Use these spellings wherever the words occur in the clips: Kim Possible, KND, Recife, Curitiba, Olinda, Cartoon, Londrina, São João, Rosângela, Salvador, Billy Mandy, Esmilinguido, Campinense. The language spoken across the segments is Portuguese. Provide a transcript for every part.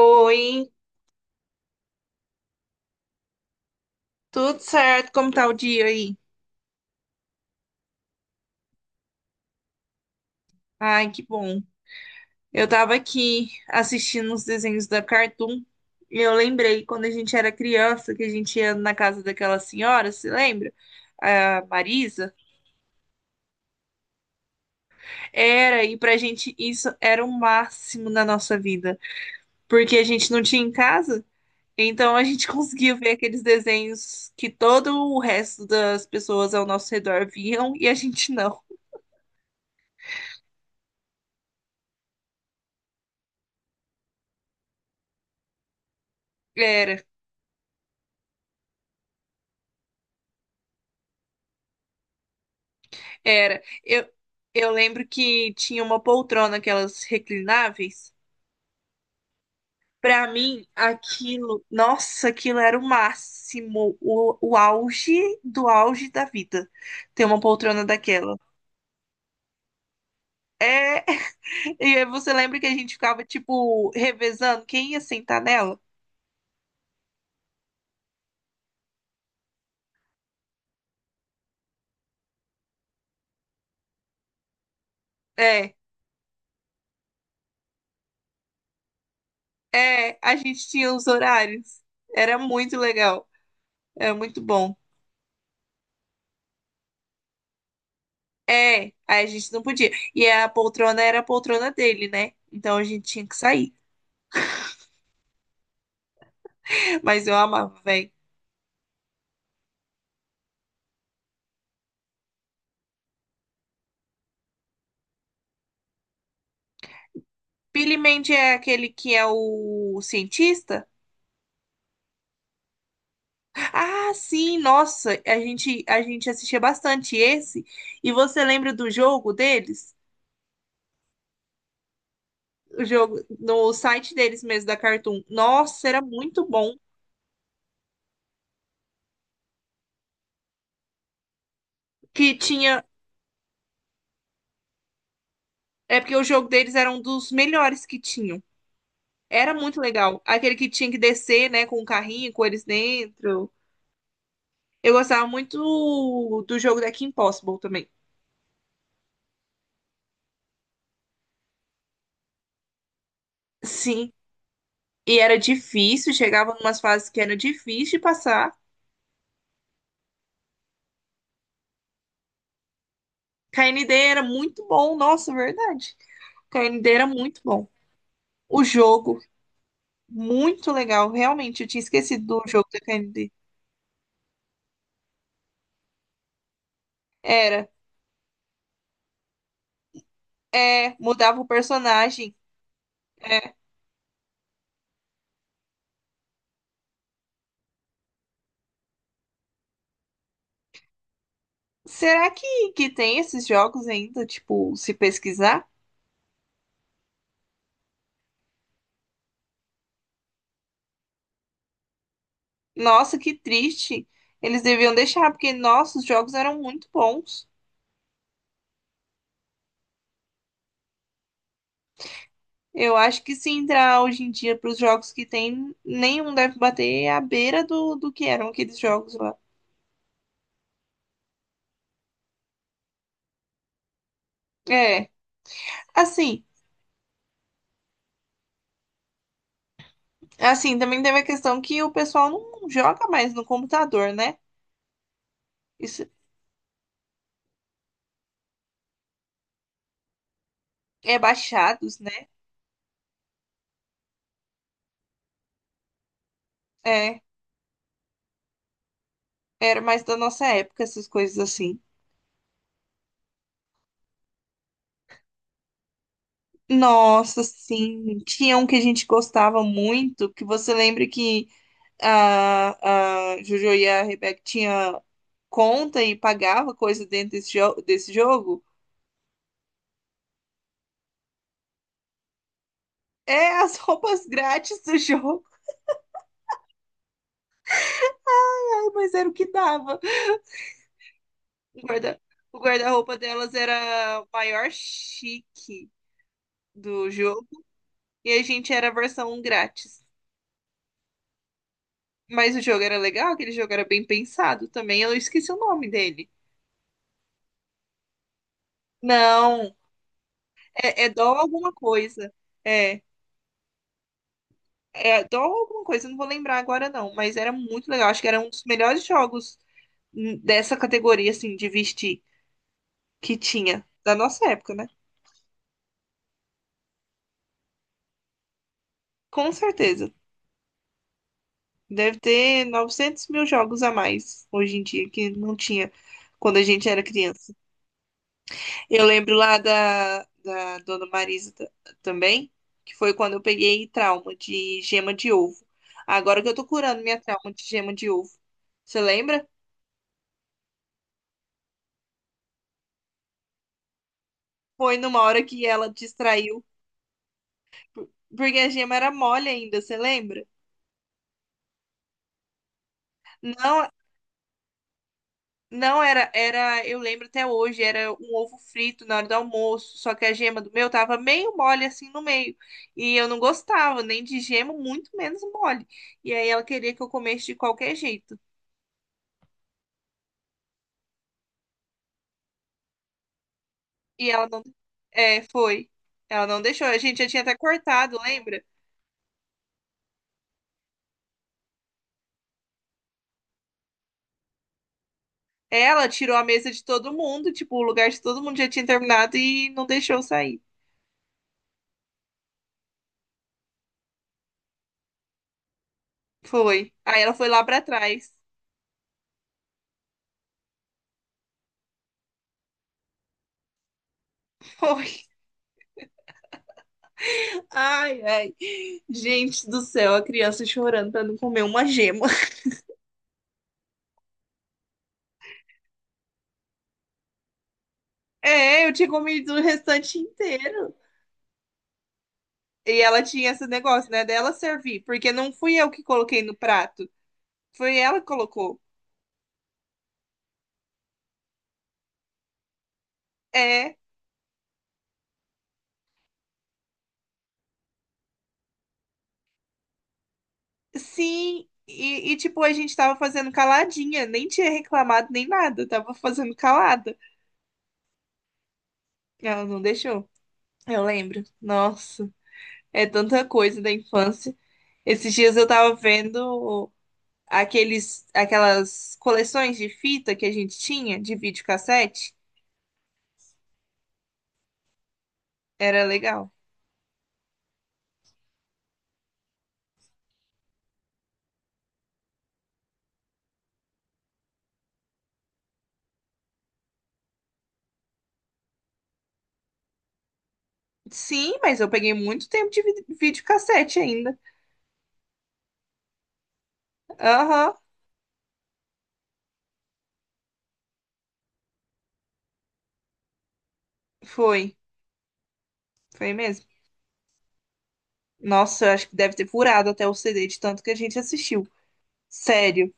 Oi, tudo certo? Como tá o dia aí? Ai, que bom. Eu tava aqui assistindo os desenhos da Cartoon e eu lembrei quando a gente era criança que a gente ia na casa daquela senhora, se lembra? A Marisa. Era, e pra gente isso era o máximo na nossa vida, porque a gente não tinha em casa, então a gente conseguia ver aqueles desenhos que todo o resto das pessoas ao nosso redor viam e a gente não. Era. Era. Eu lembro que tinha uma poltrona, aquelas reclináveis. Pra mim, aquilo, nossa, aquilo era o máximo, o auge do auge da vida, ter uma poltrona daquela. É, e aí você lembra que a gente ficava, tipo, revezando quem ia sentar nela? É, é, a gente tinha os horários. Era muito legal, era muito bom. É, aí a gente não podia. E a poltrona era a poltrona dele, né? Então a gente tinha que sair. Mas eu amava, velho. Billy Mandy é aquele que é o cientista? Ah, sim, nossa, a gente assistia bastante esse. E você lembra do jogo deles? O jogo no site deles mesmo da Cartoon. Nossa, era muito bom. Que tinha, é porque o jogo deles era um dos melhores que tinham. Era muito legal. Aquele que tinha que descer, né, com o carrinho, com eles dentro. Eu gostava muito do jogo da Kim Possible também. Sim, e era difícil, chegava numas fases que era difícil de passar. KND era muito bom, nossa, verdade. KND era muito bom. O jogo, muito legal, realmente, eu tinha esquecido do jogo da KND. Era, é, mudava o personagem. É. Será que tem esses jogos ainda, tipo, se pesquisar? Nossa, que triste. Eles deviam deixar, porque nossos jogos eram muito bons. Eu acho que se entrar hoje em dia para os jogos que tem, nenhum deve bater à beira do que eram aqueles jogos lá. É, assim, assim, também teve a questão que o pessoal não joga mais no computador, né? Isso é baixados, né? É, era mais da nossa época essas coisas assim. Nossa, sim, tinha um que a gente gostava muito, que você lembra que a Jojo e a Rebeca tinha conta e pagava coisa dentro desse jogo? É as roupas grátis do jogo. Ai, mas era o que dava. O guarda- o guarda-roupa delas era o maior chique do jogo. E a gente era a versão grátis. Mas o jogo era legal, aquele jogo era bem pensado também. Eu esqueci o nome dele. Não, é Dó alguma coisa. É, é Dó alguma coisa, eu não vou lembrar agora não. Mas era muito legal. Acho que era um dos melhores jogos dessa categoria, assim, de vestir que tinha. Da nossa época, né? Com certeza. Deve ter 900.000 jogos a mais hoje em dia, que não tinha quando a gente era criança. Eu lembro lá da Dona Marisa também, que foi quando eu peguei trauma de gema de ovo. Agora que eu tô curando minha trauma de gema de ovo. Você lembra? Foi numa hora que ela distraiu, por- porque a gema era mole ainda, você lembra? Não, não era, eu lembro até hoje, era um ovo frito na hora do almoço, só que a gema do meu tava meio mole assim no meio. E eu não gostava nem de gema, muito menos mole. E aí ela queria que eu comesse de qualquer jeito. E ela não, é, foi. Ela não deixou. A gente já tinha até cortado, lembra? Ela tirou a mesa de todo mundo, tipo, o lugar de todo mundo já tinha terminado e não deixou eu sair. Foi. Aí ela foi lá pra trás. Foi. Ai, ai. Gente do céu, a criança chorando pra não comer uma gema. É, eu tinha comido o restante inteiro. E ela tinha esse negócio, né, dela servir, porque não fui eu que coloquei no prato, foi ela que colocou. É, sim. E, tipo, a gente tava fazendo caladinha, nem tinha reclamado nem nada, tava fazendo calada. Ela não deixou. Eu lembro. Nossa, é tanta coisa da infância. Esses dias eu tava vendo aquelas coleções de fita que a gente tinha de videocassete, era legal. Sim, mas eu peguei muito tempo de videocassete ainda. Aham, foi. Foi mesmo. Nossa, eu acho que deve ter furado até o CD de tanto que a gente assistiu. Sério.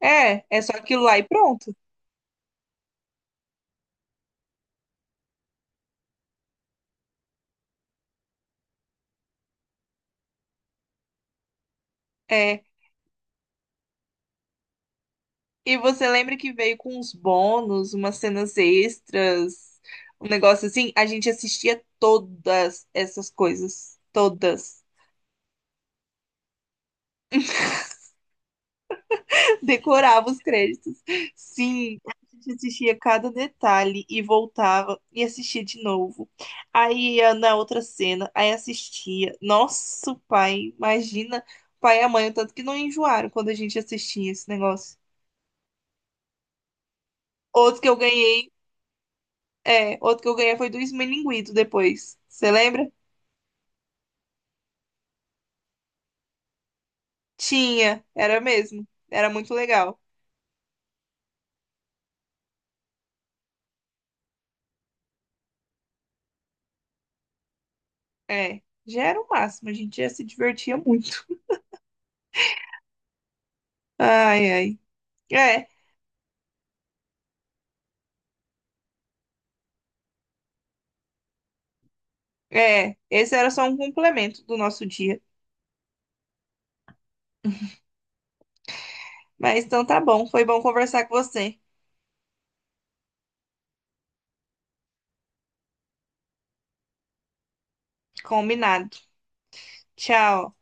É, é só aquilo lá e pronto. É. E você lembra que veio com uns bônus, umas cenas extras, um negócio assim? A gente assistia todas essas coisas. Todas. Decorava os créditos. Sim, a gente assistia cada detalhe e voltava e assistia de novo. Aí ia na outra cena, aí assistia. Nosso pai, imagina o pai e a mãe, o tanto que não enjoaram quando a gente assistia esse negócio. Outro que eu ganhei, outro que eu ganhei foi do Esmilinguido depois. Você lembra? Tinha, era mesmo. Era muito legal. É, já era o máximo, a gente já se divertia muito. Ai, ai. É. É, esse era só um complemento do nosso dia. Mas então tá bom, foi bom conversar com você. Combinado. Tchau.